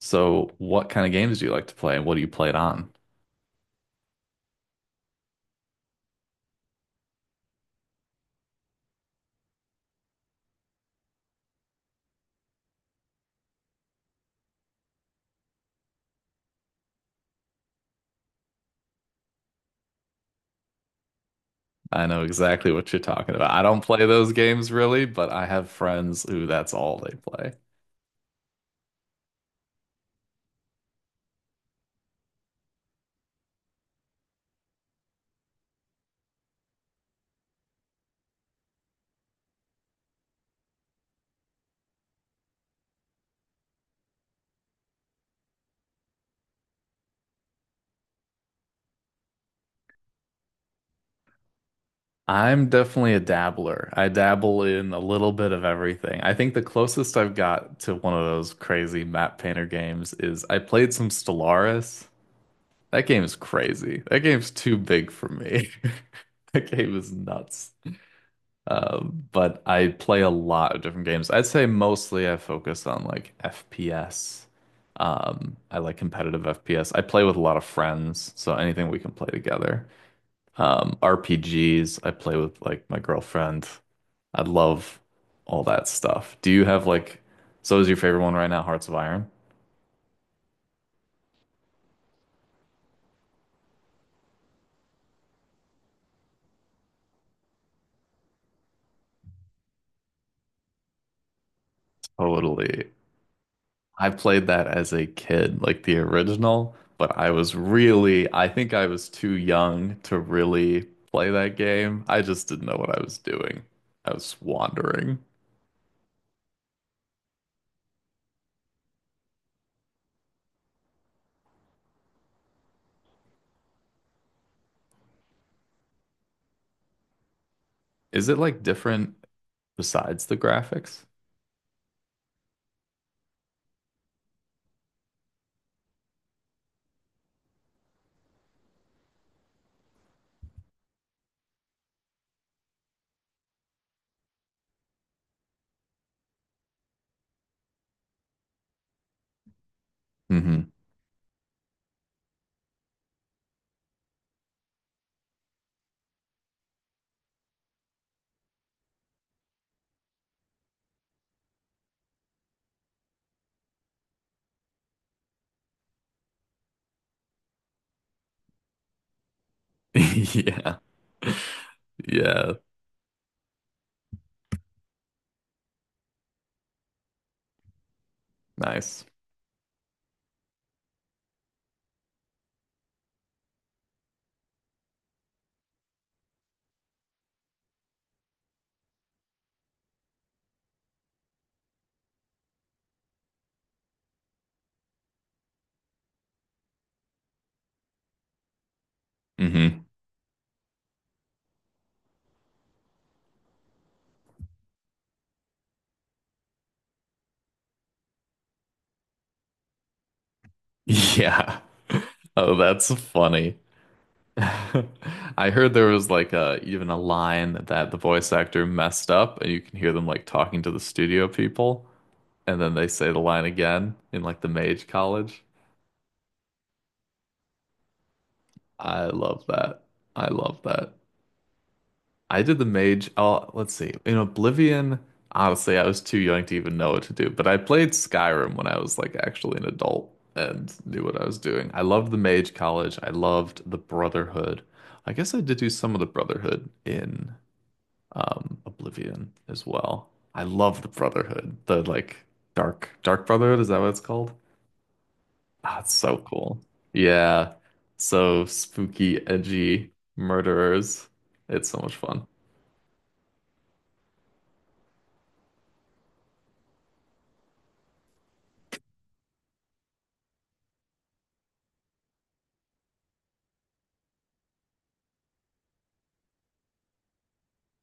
So, what kind of games do you like to play and what do you play it on? I know exactly what you're talking about. I don't play those games really, but I have friends who that's all they play. I'm definitely a dabbler. I dabble in a little bit of everything. I think the closest I've got to one of those crazy map painter games is I played some Stellaris. That game is crazy. That game's too big for me. That game is nuts. But I play a lot of different games. I'd say mostly I focus on like FPS. I like competitive FPS. I play with a lot of friends, so anything we can play together. RPGs, I play with like my girlfriend. I love all that stuff. Do you have like, so is your favorite one right now, Hearts of Iron? Totally. I played that as a kid, like the original, but I was really, I think I was too young to really play that game. I just didn't know what I was doing. I was wandering. Is it like different besides the graphics? Hmm. Yeah. Yeah. Nice. Hmm. Yeah. Oh, that's funny. I heard there was like a even a line that the voice actor messed up, and you can hear them like talking to the studio people, and then they say the line again in like the mage college. I love that. I love that. I did the mage. Oh, let's see. In Oblivion, honestly, I was too young to even know what to do, but I played Skyrim when I was like actually an adult and knew what I was doing. I loved the mage college. I loved the Brotherhood. I guess I did do some of the Brotherhood in Oblivion as well. I love the Brotherhood. The like dark dark Brotherhood, is that what it's called? Ah, it's so cool. Yeah. So spooky, edgy murderers. It's so much fun.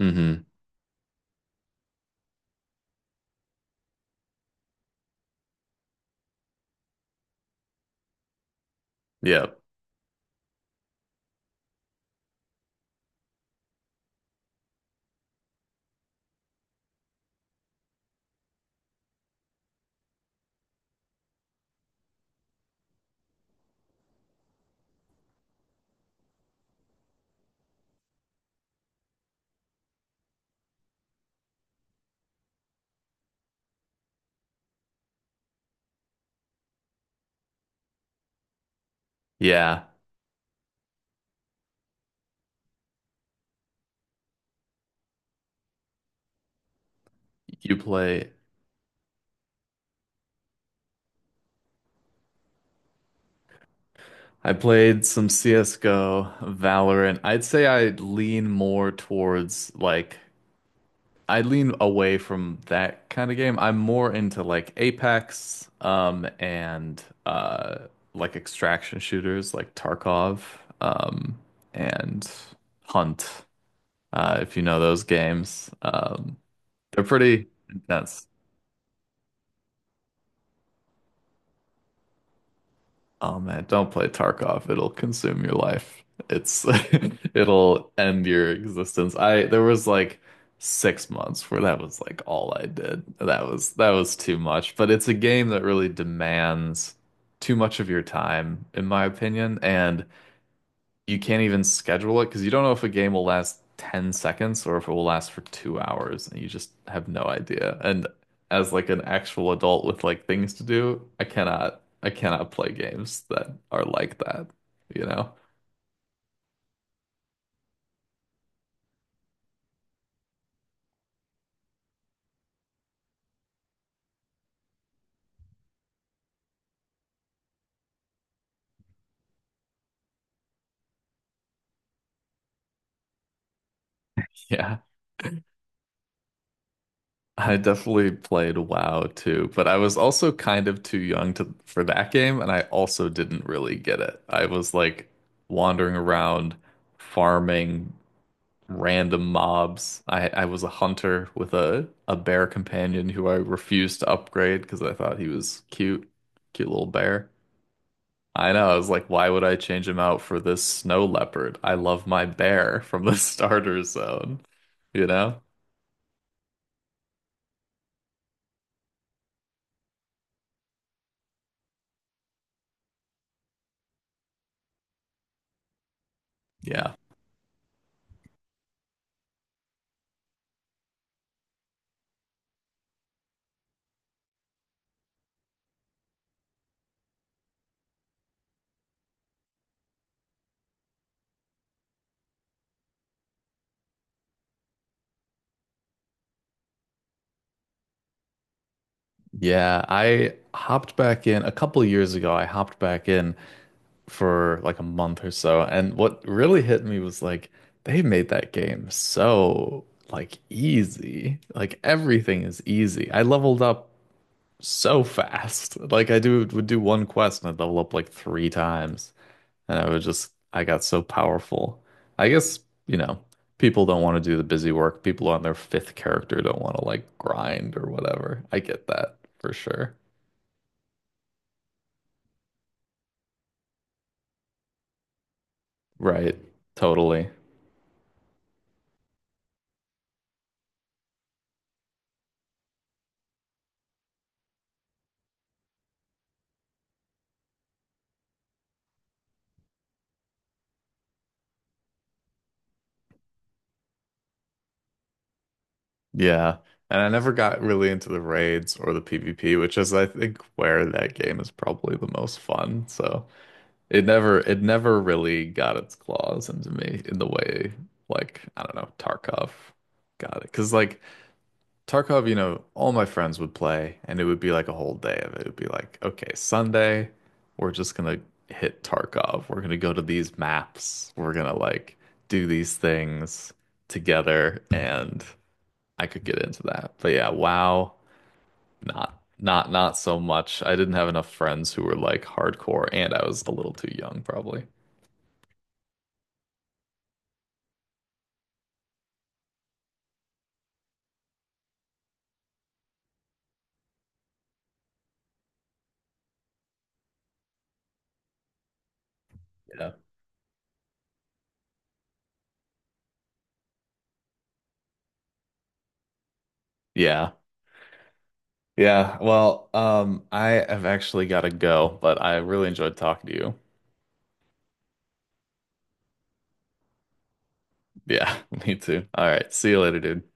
Mm-hmm. Yeah. Yeah. You play. I played some CSGO, Valorant. I'd say I lean more towards like I lean away from that kind of game. I'm more into like Apex, and like extraction shooters like Tarkov, um, and Hunt. If you know those games. They're pretty intense. Oh man, don't play Tarkov. It'll consume your life. It's it'll end your existence. I there was like 6 months where that was like all I did. That was too much. But it's a game that really demands too much of your time, in my opinion, and you can't even schedule it because you don't know if a game will last 10 seconds or if it will last for 2 hours and you just have no idea. And as like an actual adult with like things to do, I cannot play games that are like that, you know? Yeah. I definitely played WoW too, but I was also kind of too young to for that game and I also didn't really get it. I was like wandering around farming random mobs. I was a hunter with a bear companion who I refused to upgrade because I thought he was cute, cute little bear. I know. I was like, why would I change him out for this snow leopard? I love my bear from the starter zone, you know? Yeah. Yeah, I hopped back in a couple years ago. I hopped back in for like a month or so. And what really hit me was like they made that game so like easy. Like everything is easy. I leveled up so fast. Like I do would do one quest and I'd level up like three times. And I was just I got so powerful. I guess, you know, people don't want to do the busy work. People on their fifth character don't want to like grind or whatever. I get that for sure. Right. Totally. Yeah. And I never got really into the raids or the PvP, which is I think where that game is probably the most fun. So it never really got its claws into me in the way like, I don't know, Tarkov got it. 'Cause like Tarkov, you know, all my friends would play and it would be like a whole day of it. It would be like, okay, Sunday, we're just gonna hit Tarkov. We're gonna go to these maps. We're gonna like do these things together and I could get into that. But yeah, WoW, not so much. I didn't have enough friends who were like hardcore, and I was a little too young, probably. Yeah. Yeah. Yeah. Well, I have actually got to go, but I really enjoyed talking to you. Yeah, me too. All right. See you later, dude.